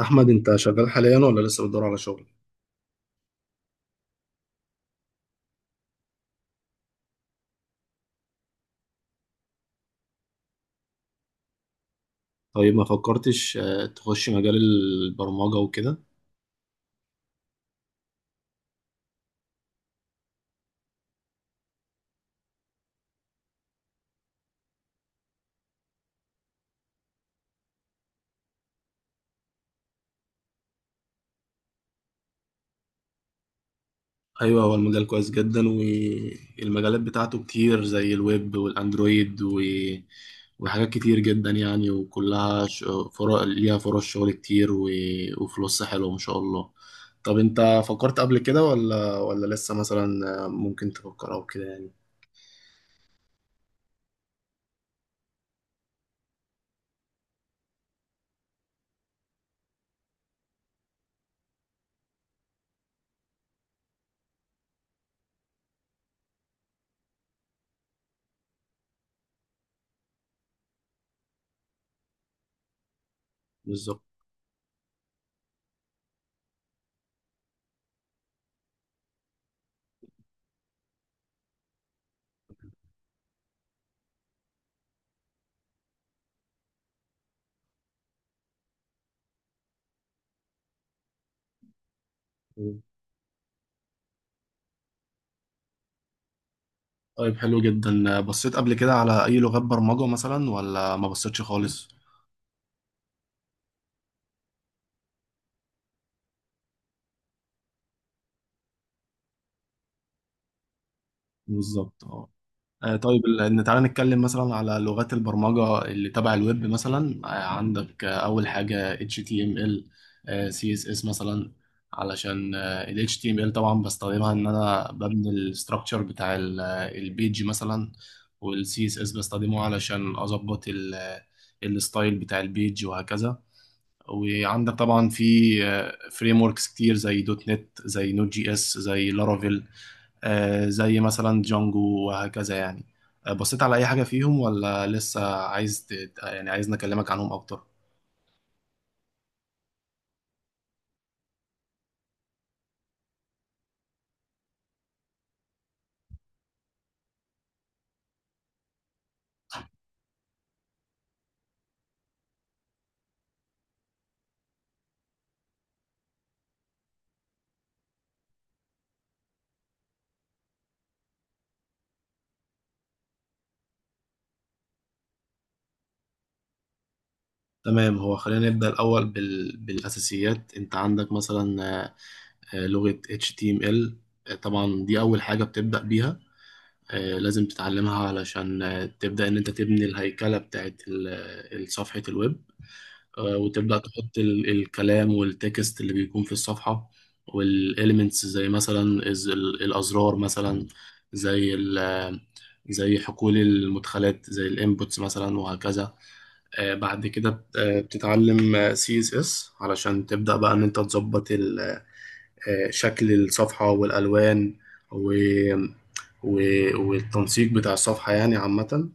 أحمد، أنت شغال حاليا ولا لسه بتدور على شغل؟ طيب، ما فكرتش تخش مجال البرمجة وكده؟ أيوه، هو المجال كويس جدا، والمجالات بتاعته كتير زي الويب والأندرويد وحاجات كتير جدا يعني، وكلها فرق ليها فرص شغل كتير وفلوس حلوة ما شاء الله. طب، أنت فكرت قبل كده ولا لسه مثلا؟ ممكن تفكر أو كده يعني. بالظبط. طيب، حلو جدا. بصيت قبل كده على أي لغات برمجة مثلا ولا ما بصيتش خالص؟ بالظبط، اه. طيب، إن تعالى نتكلم مثلا على لغات البرمجة اللي تبع الويب مثلا. عندك أول حاجة HTML، CSS مثلا، علشان ال HTML طبعا بستخدمها إن أنا ببني الستراكشر بتاع البيج مثلا، وال CSS بستخدمه علشان أظبط الستايل بتاع البيج وهكذا. وعندك طبعا في فريم وركس كتير زي دوت نت، زي نوت جي اس، زي لارافيل، زي مثلا جانجو وهكذا يعني. بصيت على أي حاجة فيهم ولا لسه عايز يعني عايز نكلمك عنهم أكتر؟ تمام. هو خلينا نبدأ الأول بالأساسيات. أنت عندك مثلا لغة HTML. طبعا دي أول حاجة بتبدأ بيها. لازم تتعلمها علشان تبدأ إن أنت تبني الهيكلة بتاعت صفحة الويب، وتبدأ تحط الكلام والتكست اللي بيكون في الصفحة، والإليمنتس زي مثلا الأزرار مثلا، زي ال- زي حقول المدخلات، زي الانبوتس مثلا وهكذا. بعد كده بتتعلم CSS علشان تبدأ بقى إن أنت تظبط شكل الصفحة والألوان، و والتنسيق بتاع الصفحة يعني عامة.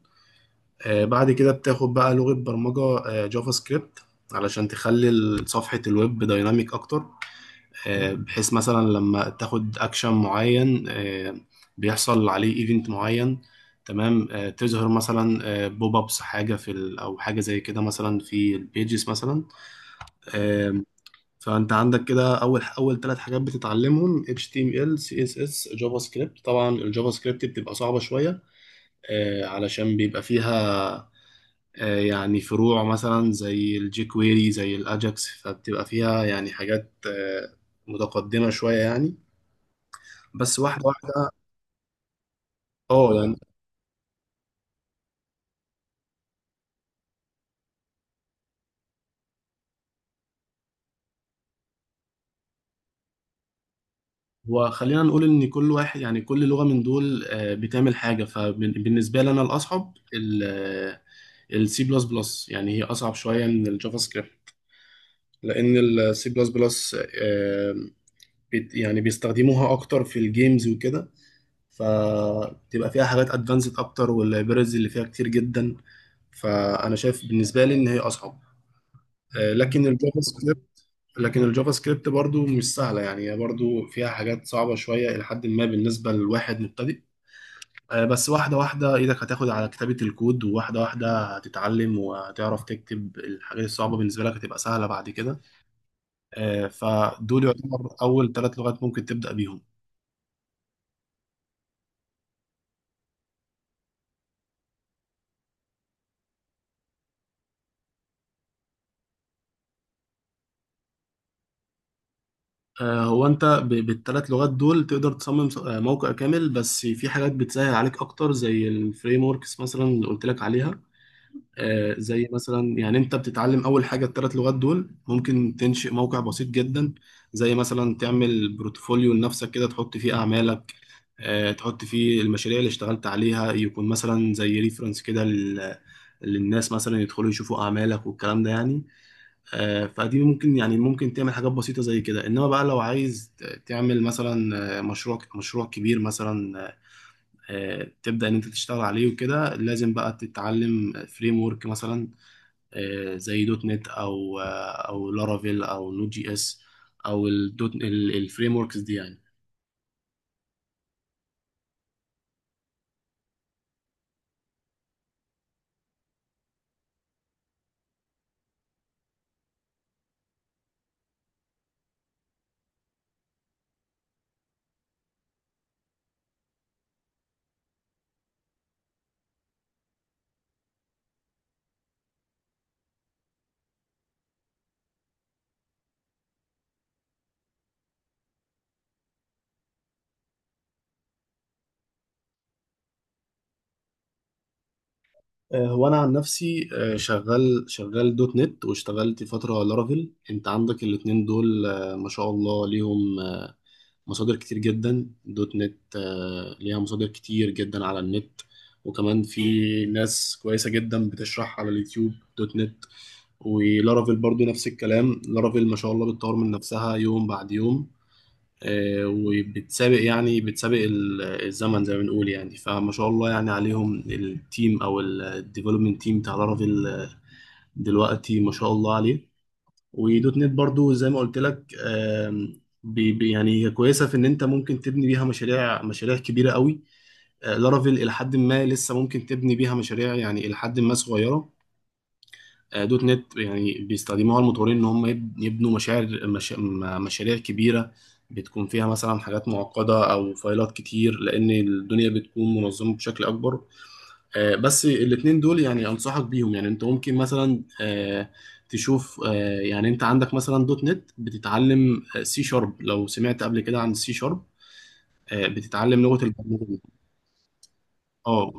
بعد كده بتاخد بقى لغة برمجة، جافا سكريبت، علشان تخلي صفحة الويب دايناميك أكتر، بحيث مثلا لما تاخد أكشن معين، بيحصل عليه إيفنت معين، تمام، تظهر مثلا بوب أبس، حاجة في ال أو حاجة زي كده مثلا في البيجز مثلا. آه، فأنت عندك كده أول ثلاث حاجات بتتعلمهم HTML، CSS، جافا سكريبت. طبعا الجافا سكريبت بتبقى صعبة شوية، علشان بيبقى فيها يعني فروع مثلا زي الجيكويري، زي الأجاكس، فبتبقى فيها يعني حاجات متقدمة شوية يعني. بس واحدة واحدة. اه، يعني. هو خلينا نقول ان كل واحد، يعني كل لغة من دول، بتعمل حاجة. فبالنسبة لي، انا الاصعب السي بلس بلس. يعني هي اصعب شوية من الجافا سكريبت، لان السي بلس بلس يعني بيستخدموها اكتر في الجيمز وكده، فبتبقى فيها حاجات ادفانسد اكتر، واللايبريز اللي فيها كتير جدا. فانا شايف بالنسبه لي ان هي اصعب. آه، لكن الجافا سكريبت لكن الجافا سكريبت برضو مش سهله، يعني هي برضو فيها حاجات صعبه شويه الى حد ما بالنسبه لواحد مبتدئ. بس واحده واحده، ايدك هتاخد على كتابه الكود، وواحده واحده هتتعلم وهتعرف تكتب. الحاجات الصعبه بالنسبه لك هتبقى سهله بعد كده. فدول يعتبر اول ثلاث لغات ممكن تبدا بيهم. هو انت بالثلاث لغات دول تقدر تصمم موقع كامل، بس في حاجات بتسهل عليك اكتر زي الفريم وركس مثلا اللي قلت لك عليها. زي مثلا، يعني انت بتتعلم اول حاجه الثلاث لغات دول، ممكن تنشئ موقع بسيط جدا، زي مثلا تعمل بروتفوليو لنفسك كده، تحط فيه اعمالك، تحط فيه المشاريع اللي اشتغلت عليها، يكون مثلا زي ريفرنس كده للناس مثلا يدخلوا يشوفوا اعمالك والكلام ده يعني. فدي ممكن، يعني ممكن تعمل حاجات بسيطة زي كده. انما بقى لو عايز تعمل مثلا مشروع كبير مثلا، تبدأ ان انت تشتغل عليه وكده، لازم بقى تتعلم فريم ورك مثلا، زي دوت نت، او او لارافيل، او نود جي اس، او الدوت الفريم وركس دي يعني. هو انا عن نفسي، شغال دوت نت، واشتغلت فترة لارافيل. انت عندك الاتنين دول، ما شاء الله، ليهم مصادر كتير جدا. دوت نت ليها مصادر كتير جدا على النت، وكمان في ناس كويسة جدا بتشرح على اليوتيوب دوت نت. ولارافيل برضو نفس الكلام. لارافيل ما شاء الله بتطور من نفسها يوم بعد يوم، وبتسابق، يعني بتسابق الزمن زي ما بنقول يعني. فما شاء الله يعني عليهم، التيم او الديفلوبمنت تيم بتاع لارافيل دلوقتي، ما شاء الله عليه. ودوت نت برضو زي ما قلت لك. يعني هي كويسه في ان انت ممكن تبني بيها مشاريع كبيره قوي. لارافيل الى حد ما، لسه ممكن تبني بيها مشاريع يعني الى حد ما صغيره. دوت نت يعني بيستخدموها المطورين ان هم يبنوا مشاعر مش م- مشاريع كبيره، بتكون فيها مثلا حاجات معقده او فايلات كتير، لان الدنيا بتكون منظمه بشكل اكبر. بس الاتنين دول يعني انصحك بيهم. يعني انت ممكن مثلا تشوف يعني انت عندك مثلا دوت نت بتتعلم سي شارب. لو سمعت قبل كده عن سي شارب، بتتعلم لغة البرمجة. اه.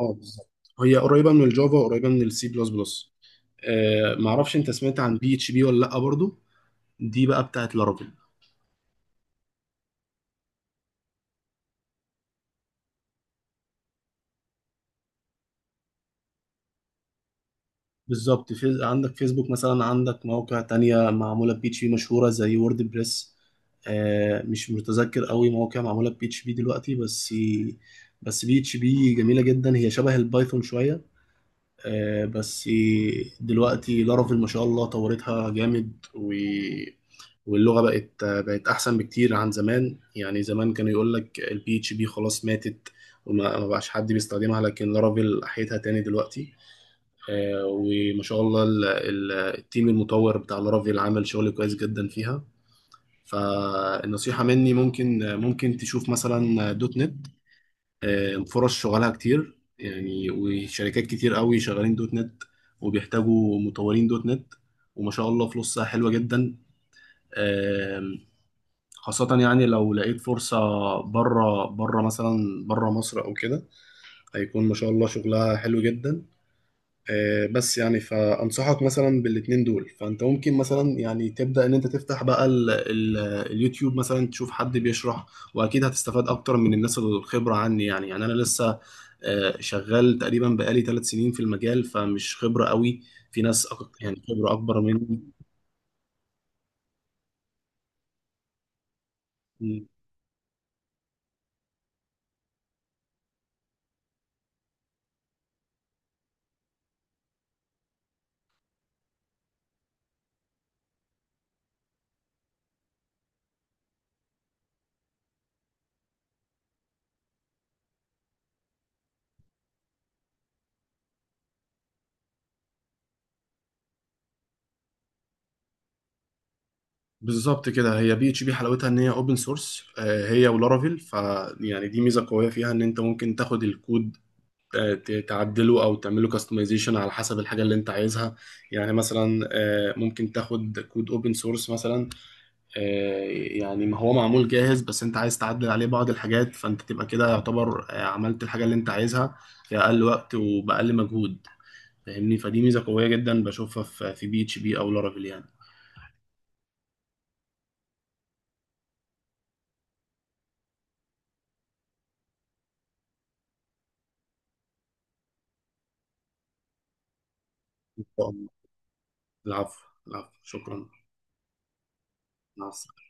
اه، بالظبط. هي قريبة من الجافا وقريبة من السي بلس بلس. معرفش انت سمعت عن بي اتش بي ولا لا برضو؟ دي بقى بتاعت لارافيل. بالظبط، في عندك فيسبوك مثلا، عندك مواقع تانية معمولة بي اتش بي مشهورة زي وورد بريس. آه، مش متذكر قوي مواقع معمولة بي اتش بي دلوقتي، بس بي اتش بي جميلة جدا، هي شبه البايثون شوية. آه، بس دلوقتي لارافيل ما شاء الله طورتها جامد، و واللغة بقت أحسن بكتير عن زمان. يعني زمان كانوا يقول لك البي اتش بي خلاص ماتت، ما بقاش حد بيستخدمها، لكن لارافيل أحيتها تاني دلوقتي. وما شاء الله التيم المطور بتاع لارافيل عمل شغل كويس جدا فيها. فالنصيحة مني، ممكن تشوف مثلا دوت نت. فرص شغلها كتير يعني، وشركات كتير قوي شغالين دوت نت، وبيحتاجوا مطورين دوت نت. وما شاء الله فلوسها حلوة جدا. آم، خاصة يعني لو لقيت فرصة بره، بره مثلا، بره مصر أو كده، هيكون ما شاء الله شغلها حلو جدا. بس يعني فأنصحك مثلا بالاتنين دول. فأنت ممكن مثلا يعني تبدأ إن أنت تفتح بقى ال اليوتيوب مثلا، تشوف حد بيشرح. وأكيد هتستفاد أكتر من الناس الخبرة عني. يعني أنا لسه شغال تقريبا بقالي 3 سنين في المجال، فمش خبرة قوي. في ناس يعني خبرة أكبر مني. بالظبط كده. هي بي اتش بي حلاوتها ان هي اوبن سورس، هي ولارافيل. فيعني دي ميزه قويه فيها، ان انت ممكن تاخد الكود تعدله او تعمله كاستمايزيشن على حسب الحاجه اللي انت عايزها. يعني مثلا ممكن تاخد كود اوبن سورس مثلا، آه، يعني ما هو معمول جاهز، بس انت عايز تعدل عليه بعض الحاجات، فانت تبقى كده يعتبر عملت الحاجه اللي انت عايزها في اقل وقت وباقل مجهود. فاهمني. فدي ميزه قويه جدا بشوفها في بي اتش بي او لارافيل يعني. إن شاء الله. العفو. العفو. شكرا. مع السلامه.